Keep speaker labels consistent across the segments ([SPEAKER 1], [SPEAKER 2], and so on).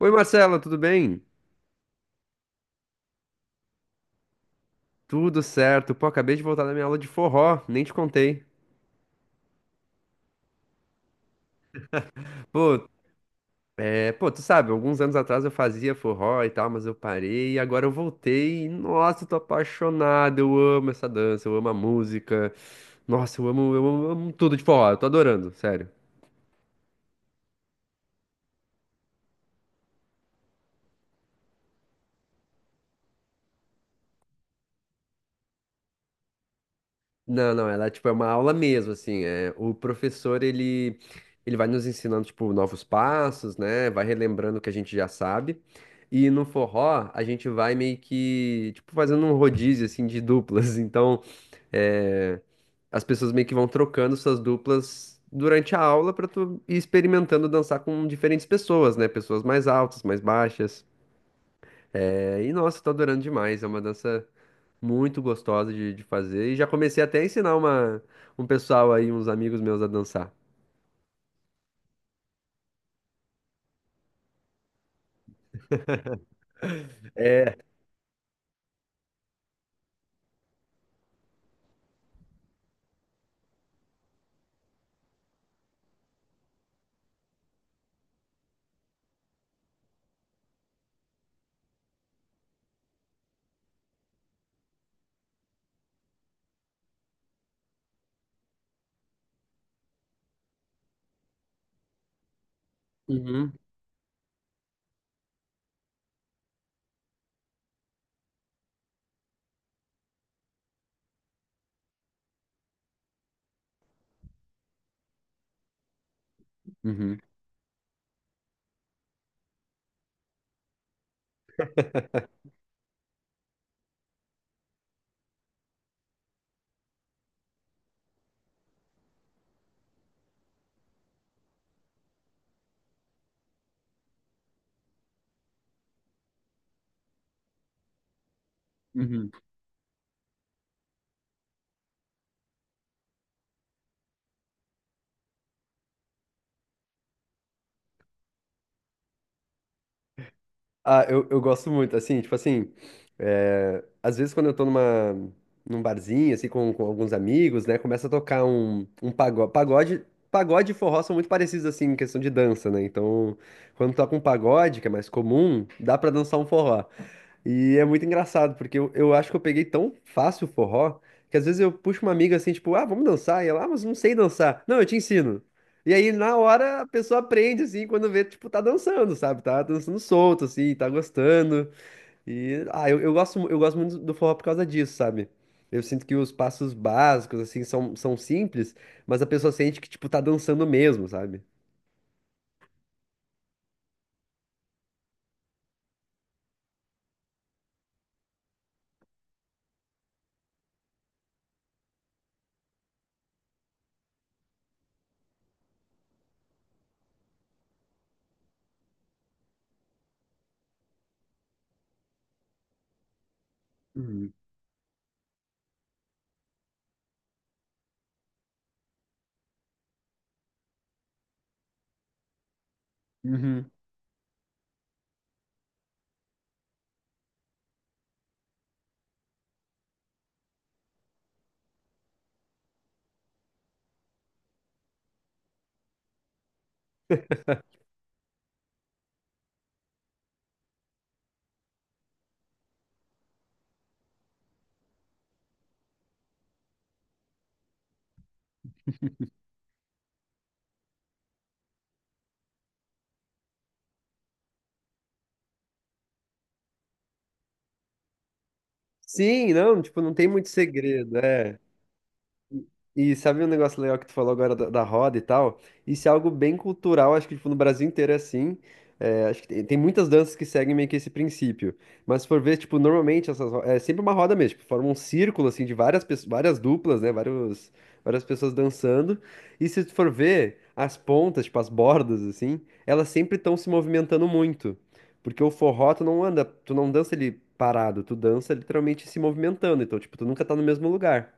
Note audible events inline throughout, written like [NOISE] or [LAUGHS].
[SPEAKER 1] Oi Marcela, tudo bem? Tudo certo. Pô, acabei de voltar da minha aula de forró, nem te contei. Pô, tu sabe, alguns anos atrás eu fazia forró e tal, mas eu parei e agora eu voltei. Nossa, eu tô apaixonado, eu amo essa dança, eu amo a música. Nossa, eu amo, eu amo, eu amo tudo de forró, eu tô adorando, sério. Não, não, ela tipo é uma aula mesmo, assim, é, o professor ele vai nos ensinando tipo novos passos, né? Vai relembrando o que a gente já sabe. E no forró, a gente vai meio que tipo fazendo um rodízio assim de duplas. [LAUGHS] Então, é, as pessoas meio que vão trocando suas duplas durante a aula para tu ir experimentando dançar com diferentes pessoas, né? Pessoas mais altas, mais baixas. É, e nossa, tá adorando demais. É uma dança muito gostosa de fazer. E já comecei até a ensinar um pessoal aí, uns amigos meus a dançar. Uhum, uhum, uhum. Ah, eu gosto muito, assim, tipo assim, às vezes quando eu tô num barzinho, assim, com alguns amigos, né, começa a tocar um pagode e forró são muito parecidos, assim, em questão de dança, né, então, quando toca um pagode, que é mais comum, dá pra dançar um forró. E é muito engraçado, porque eu acho que eu peguei tão fácil o forró, que às vezes eu puxo uma amiga assim, tipo, ah, vamos dançar, e ela, ah, mas não sei dançar. Não, eu te ensino. E aí, na hora, a pessoa aprende, assim, quando vê, tipo, tá dançando, sabe? Tá dançando solto, assim, tá gostando. E, ah, eu gosto muito do forró por causa disso, sabe? Eu sinto que os passos básicos, assim, são simples, mas a pessoa sente que, tipo, tá dançando mesmo, sabe? Uhum. Uhum. Sim, não, tipo, não tem muito segredo, é. E sabe um negócio legal que tu falou agora da roda e tal? Isso é algo bem cultural, acho que tipo, no Brasil inteiro é assim. É, acho que tem muitas danças que seguem meio que esse princípio. Mas se for ver, tipo, normalmente é sempre uma roda mesmo, tipo, forma um círculo assim de várias pessoas, várias duplas, né? Vários, várias pessoas dançando. E se tu for ver, as pontas, tipo, as bordas, assim, elas sempre estão se movimentando muito. Porque o forró, tu não anda, tu não dança ele parado, tu dança literalmente se movimentando. Então, tipo, tu nunca tá no mesmo lugar.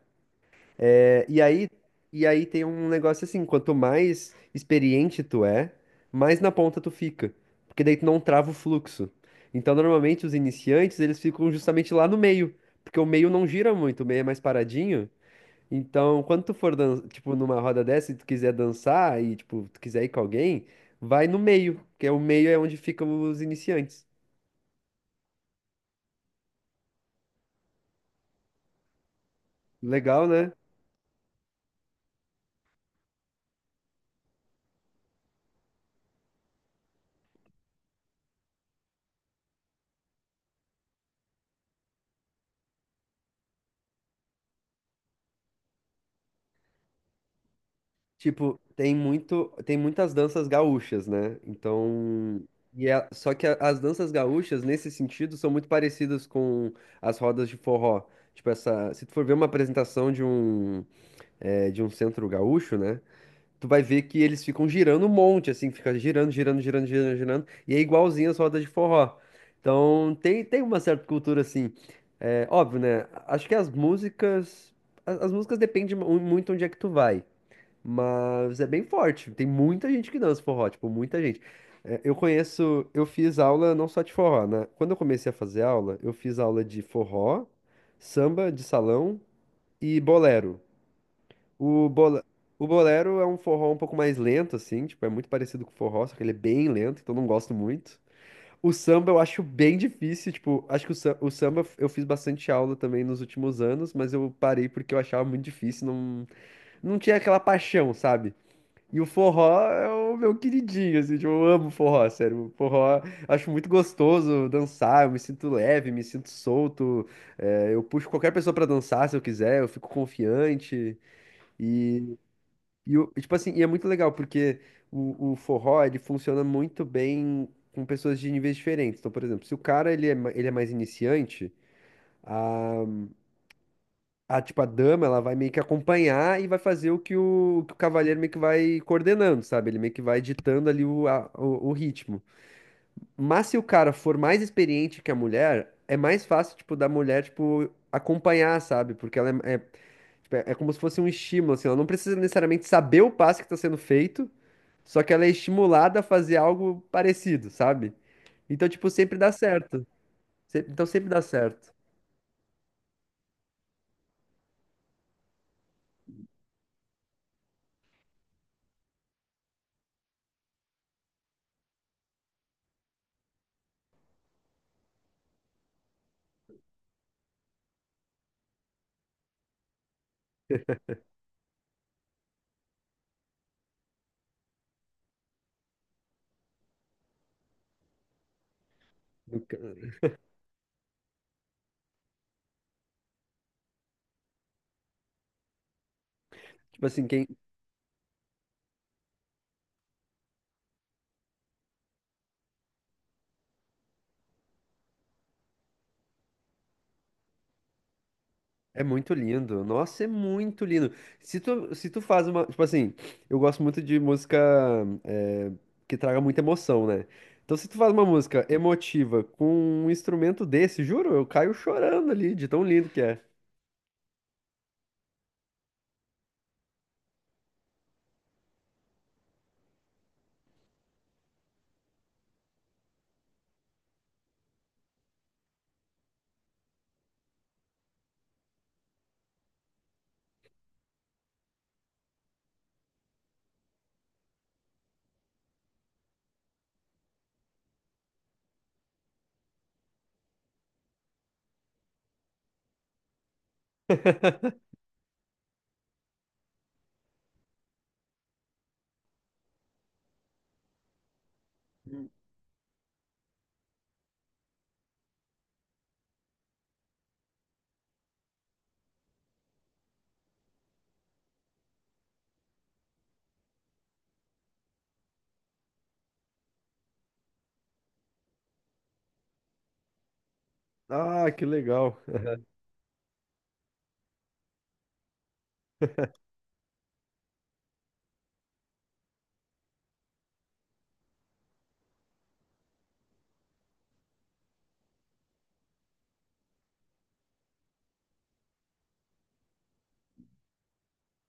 [SPEAKER 1] E aí, e aí tem um negócio assim, quanto mais experiente tu é, mais na ponta tu fica, porque daí tu não trava o fluxo. Então, normalmente os iniciantes, eles ficam justamente lá no meio, porque o meio não gira muito, o meio é mais paradinho. Então, quando tu for, tipo, numa roda dessa e tu quiser dançar e, tipo, tu quiser ir com alguém, vai no meio, que é o meio é onde ficam os iniciantes. Legal, né? Tipo, tem muitas danças gaúchas, né? Então, e é só que as danças gaúchas nesse sentido são muito parecidas com as rodas de forró. Tipo essa, se tu for ver uma apresentação de um de um centro gaúcho, né? Tu vai ver que eles ficam girando um monte, assim, fica girando, girando, girando, girando, girando, e é igualzinho as rodas de forró. Então, tem uma certa cultura assim. É, óbvio, né? Acho que as, as músicas dependem muito onde é que tu vai. Mas é bem forte. Tem muita gente que dança forró, tipo, muita gente. É, eu conheço, eu fiz aula não só de forró, né? Quando eu comecei a fazer aula, eu fiz aula de forró, samba de salão e bolero. O, bola- o bolero é um forró um pouco mais lento, assim, tipo, é muito parecido com o forró, só que ele é bem lento, então eu não gosto muito. O samba eu acho bem difícil, tipo, acho que o o samba eu fiz bastante aula também nos últimos anos, mas eu parei porque eu achava muito difícil, não, não tinha aquela paixão, sabe? E o forró é o meu queridinho, assim, tipo, eu amo forró, sério. O forró, acho muito gostoso dançar, eu me sinto leve, me sinto solto. É, eu puxo qualquer pessoa pra dançar se eu quiser, eu fico confiante. E, tipo assim, e é muito legal, porque o forró, ele funciona muito bem com pessoas de níveis diferentes. Então, por exemplo, se o cara, ele é mais iniciante, tipo, a dama, ela vai meio que acompanhar e vai fazer que o cavaleiro meio que vai coordenando, sabe? Ele meio que vai ditando ali o ritmo. Mas se o cara for mais experiente que a mulher, é mais fácil, tipo, da mulher, tipo, acompanhar, sabe? Porque tipo, é como se fosse um estímulo, assim, ela não precisa necessariamente saber o passo que está sendo feito, só que ela é estimulada a fazer algo parecido, sabe? Então, tipo, sempre dá certo. Então sempre dá certo. Tipo assim, quem, é muito lindo. Nossa, é muito lindo. Se tu faz uma. Tipo assim, eu gosto muito de música eh, que traga muita emoção, né? Então, se tu faz uma música emotiva com um instrumento desse, juro, eu caio chorando ali, de tão lindo que é. [LAUGHS] Ah, que legal.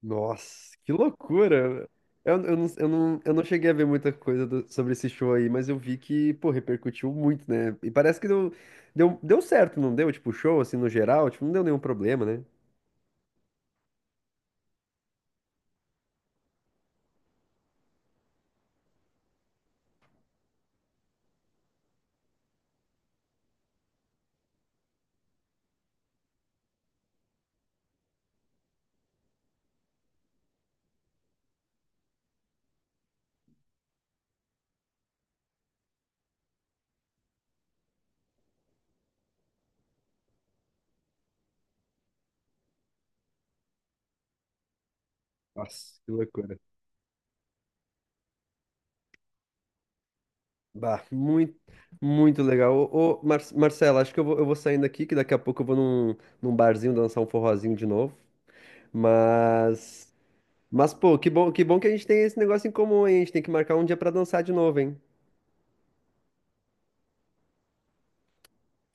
[SPEAKER 1] Nossa, que loucura. Eu não cheguei a ver muita coisa sobre esse show aí, mas eu vi que, pô, repercutiu muito, né? E parece que deu certo, não deu? Tipo, o show, assim, no geral, tipo, não deu nenhum problema, né? Nossa, que loucura. Bah, muito, muito legal. Ô, ô, Mar Marcela, acho que eu vou saindo aqui, que daqui a pouco eu vou num barzinho dançar um forrozinho de novo. Mas, mas pô, que bom, que bom que a gente tem esse negócio em comum, hein? A gente tem que marcar um dia pra dançar de novo, hein?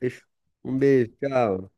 [SPEAKER 1] Beijo. Um beijo, tchau.